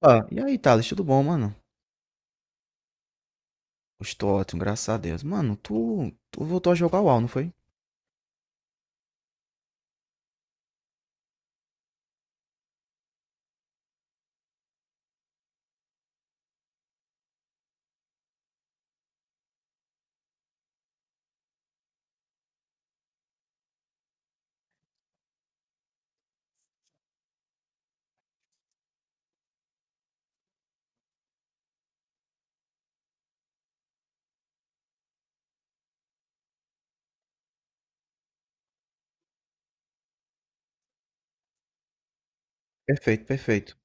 Opa, e aí, Thales, tudo bom, mano? Estou ótimo, graças a Deus. Mano, tu voltou a jogar o WoW, não foi? Perfeito, perfeito.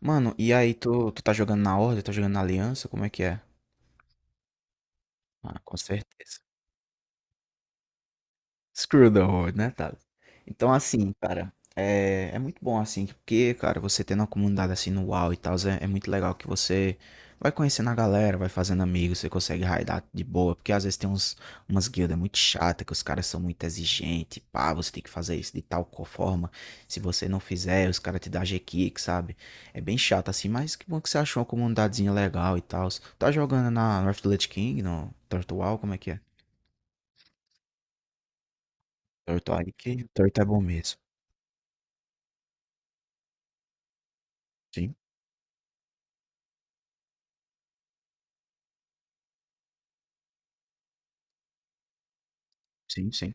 Mano, e aí, tu tá jogando na Horda, tá jogando na Aliança? Como é que é? Ah, com certeza. Screw the world, né, Thales? Então, assim, cara, é muito bom, assim, porque, cara, você tendo uma comunidade assim no WoW e tal, é muito legal que você vai conhecendo a galera, vai fazendo amigos, você consegue raidar de boa, porque às vezes tem umas guildas muito chatas, que os caras são muito exigentes, pá, você tem que fazer isso de tal forma, se você não fizer, os caras te dão G-Kick, sabe? É bem chato, assim, mas que bom que você achou uma comunidadezinha legal e tal. Tá jogando na North Lich King, no Turtle WoW, como é que é? Turtle aí, que Turtle é bom mesmo. Sim. Sim, sim.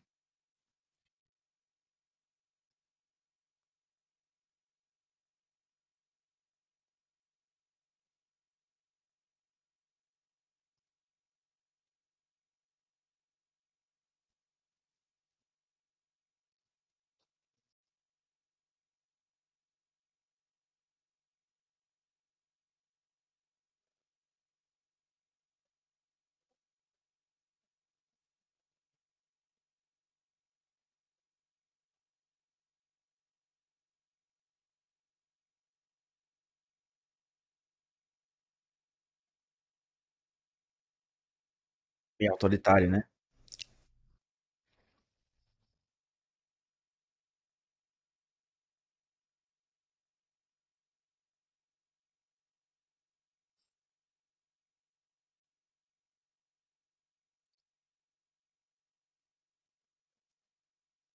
E autoritário, né.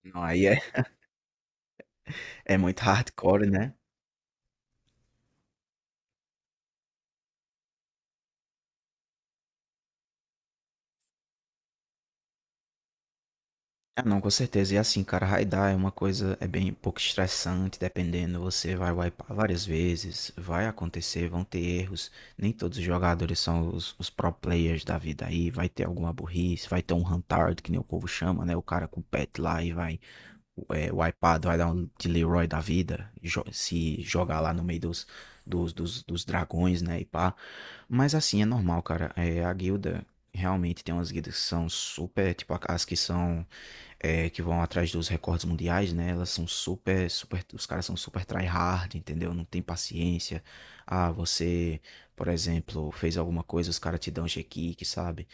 Não, aí é é muito hardcore, né. Ah, não, com certeza. E assim, cara, raidar é uma coisa é bem um pouco estressante, dependendo, você vai wipar várias vezes, vai acontecer, vão ter erros, nem todos os jogadores são os pro players da vida aí, vai ter alguma burrice, vai ter um "huntard", que nem o povo chama, né, o cara com o pet lá e vai wipeado, vai dar um de Leroy da vida, se jogar lá no meio dos dragões, né, e pá. Mas assim, é normal, cara. É, a guilda, realmente tem umas guildas que são super, tipo, as que são que vão atrás dos recordes mundiais, né? Elas são super, super, os caras são super tryhard, entendeu? Não tem paciência. Ah, você, por exemplo, fez alguma coisa, os caras te dão G-Kick, sabe?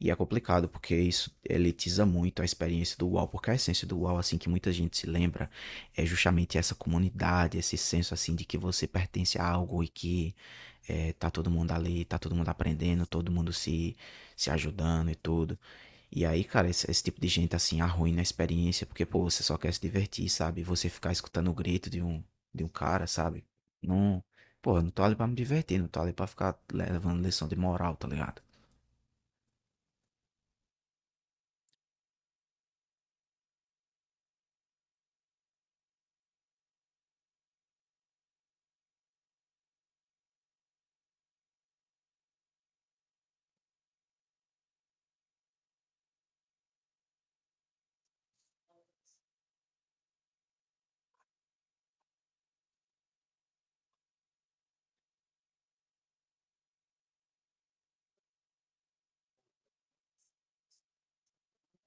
E é complicado, porque isso elitiza muito a experiência do UOL, porque a essência do UOL, assim, que muita gente se lembra, é justamente essa comunidade, esse senso, assim, de que você pertence a algo e que tá todo mundo ali, tá todo mundo aprendendo, todo mundo se ajudando e tudo. E aí, cara, esse tipo de gente assim arruina a experiência, porque, pô, você só quer se divertir, sabe? Você ficar escutando o grito de um cara, sabe? Não. Pô, eu não tô ali pra me divertir, não tô ali pra ficar levando lição de moral, tá ligado?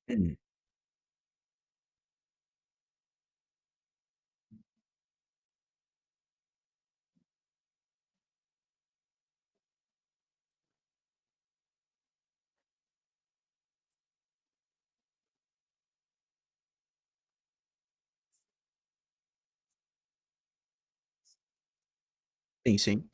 Hum. Sim, sim.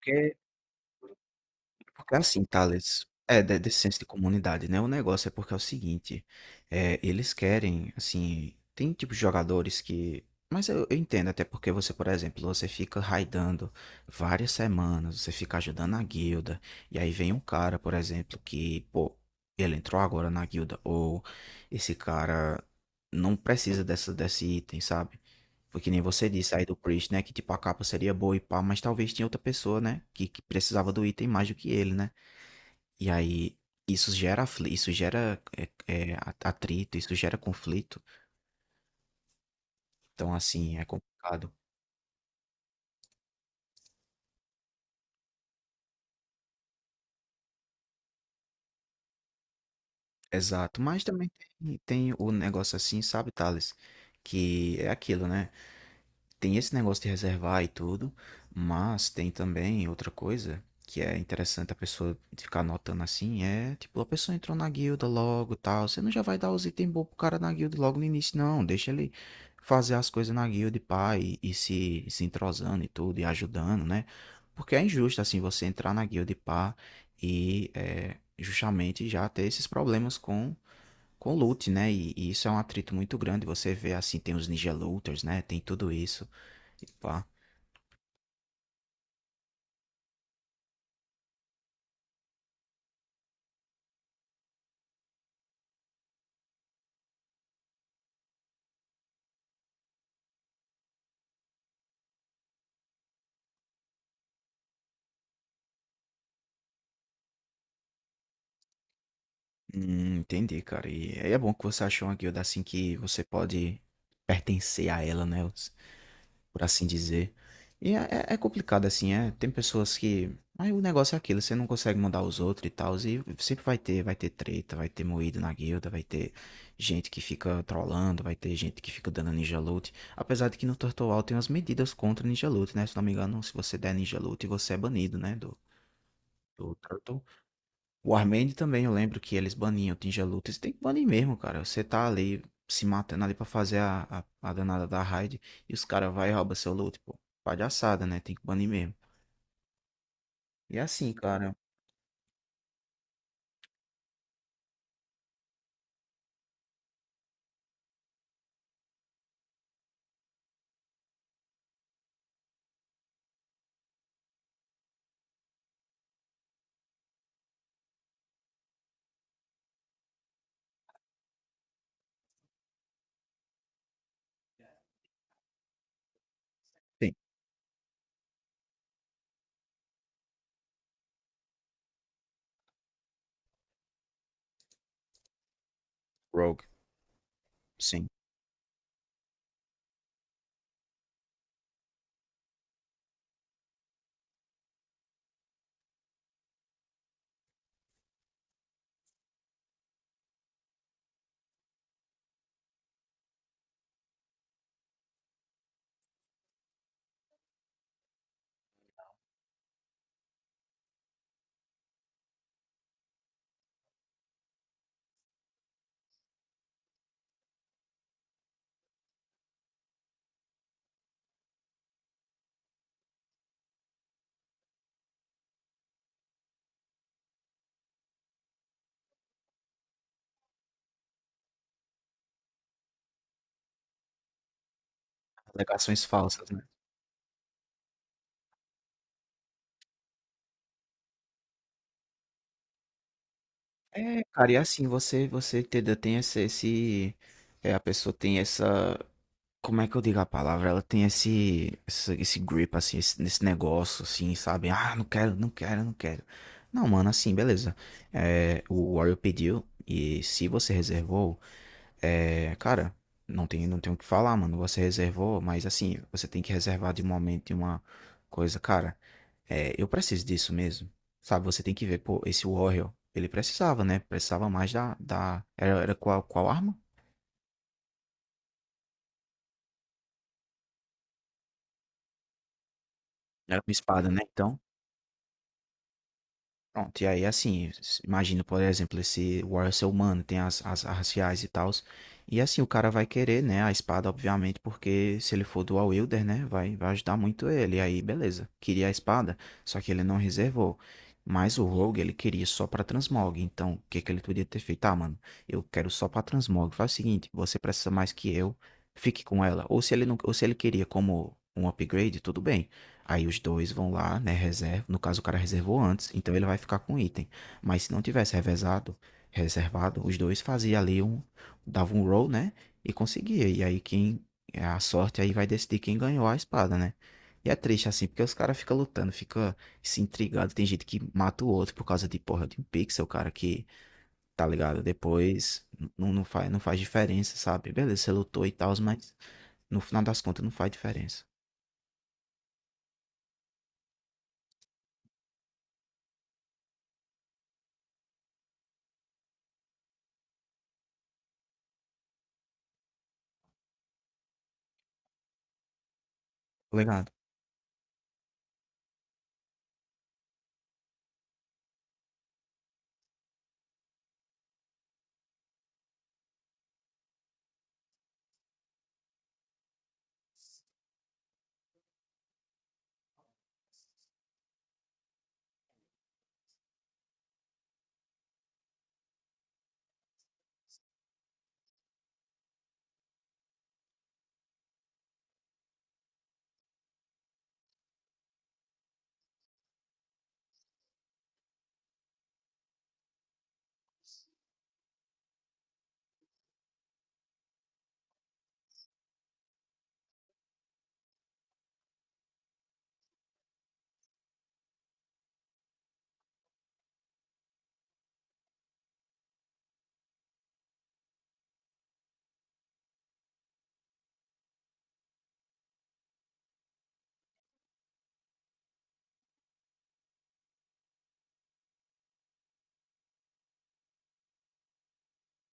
Porque Porque assim, Thales, é desse senso de comunidade, né? O negócio é porque é o seguinte, é, eles querem, assim, tem tipo de jogadores que. Mas eu entendo, até porque você, por exemplo, você fica raidando várias semanas, você fica ajudando a guilda, e aí vem um cara, por exemplo, que, pô, ele entrou agora na guilda, ou esse cara não precisa desse item, sabe? Porque nem você disse aí do Priest, né? Que tipo a capa seria boa e pá, mas talvez tinha outra pessoa, né? Que precisava do item mais do que ele, né? E aí isso gera, é eh, atrito, isso gera conflito. Então, assim, é complicado. Exato. Mas também tem o negócio assim, sabe, Thales, que é aquilo, né? Tem esse negócio de reservar e tudo, mas tem também outra coisa que é interessante a pessoa ficar anotando assim, é tipo, a pessoa entrou na guilda logo, e tal, você não já vai dar os itens bons pro cara na guilda logo no início, não, deixa ele fazer as coisas na guilda e pá, e se entrosando e tudo, e ajudando, né? Porque é injusto, assim, você entrar na guilda e pá, é, justamente já ter esses problemas com loot, né? E isso é um atrito muito grande. Você vê assim, tem os ninja looters, né? Tem tudo isso. E pá. Entendi, cara. E aí é bom que você achou uma guilda assim que você pode pertencer a ela, né? Por assim dizer. E é, é complicado, assim, é. Tem pessoas que. Aí o negócio é aquilo, você não consegue mandar os outros e tal. E sempre vai ter treta, vai ter moído na guilda, vai ter gente que fica trollando, vai ter gente que fica dando ninja loot. Apesar de que no Turtle tem umas medidas contra ninja loot, né? Se não me engano, se você der ninja loot, você é banido, né? Do, do Turtle. O Warmade também, eu lembro que eles baniam Tinja Luta. Lutas. Tem que banir mesmo, cara. Você tá ali se matando ali pra fazer a danada da raid e os caras vai e rouba seu loot, pô. Palhaçada, né? Tem que banir mesmo. E é assim, cara. Sim. Rogue. Sim. Alegações falsas, né? É, cara, e é assim, você entendeu? Tem esse- é, a pessoa tem essa. Como é que eu digo a palavra? Ela tem esse grip, assim, esse, nesse negócio, assim, sabe? Ah, não quero, não quero, não quero. Não, mano, assim, beleza. É, o Warrior pediu, e se você reservou, é, cara, não tem o que falar, mano. Você reservou, mas assim, você tem que reservar de um momento de uma coisa, cara. É, eu preciso disso mesmo, sabe? Você tem que ver, pô, esse Warrior, ele precisava, né? Precisava mais da... era qual, qual arma? Era uma espada, né? Então. Pronto, e aí assim, imagina, por exemplo, esse Warrior ser humano, tem as, as raciais e tals. E assim, o cara vai querer, né, a espada, obviamente, porque se ele for dual wielder, né, vai ajudar muito ele. E aí, beleza, queria a espada, só que ele não reservou. Mas o Rogue, ele queria só pra transmog, então o que que ele podia ter feito? Ah, mano, eu quero só pra transmog. Faz o seguinte, você precisa mais que eu, fique com ela. Ou se ele não, ou se ele queria como um upgrade, tudo bem. Aí os dois vão lá, né? Reserva. No caso, o cara reservou antes, então ele vai ficar com o item. Mas se não tivesse revezado, reservado, os dois faziam ali um. Dava um roll, né? E conseguia. E aí quem. É, a sorte aí vai decidir quem ganhou a espada, né? E é triste assim, porque os caras ficam lutando, fica se intrigado. Tem gente que mata o outro por causa de porra de um pixel, cara, que, tá ligado? Depois não faz, não faz diferença, sabe? Beleza, você lutou e tal, mas no final das contas não faz diferença. Tá ligado?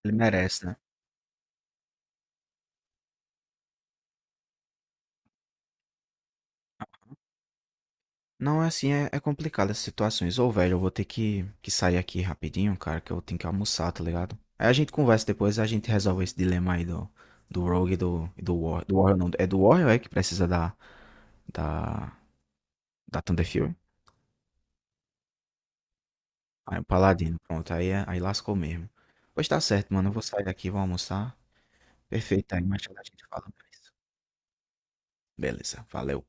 Ele merece, né? Não, é assim, é, é complicado essas situações. Ô, velho, eu vou ter que sair aqui rapidinho, cara, que eu tenho que almoçar, tá ligado? Aí a gente conversa depois, a gente resolve esse dilema aí do Rogue e do Warrior. Do Warrior não, é do Warrior é que precisa da, da Thunder Fury? Aí o Paladino, pronto, aí, aí lascou mesmo. Pois tá certo, mano, eu vou sair aqui, vou almoçar. Perfeito, aí mais tarde a gente fala mais. Beleza, valeu.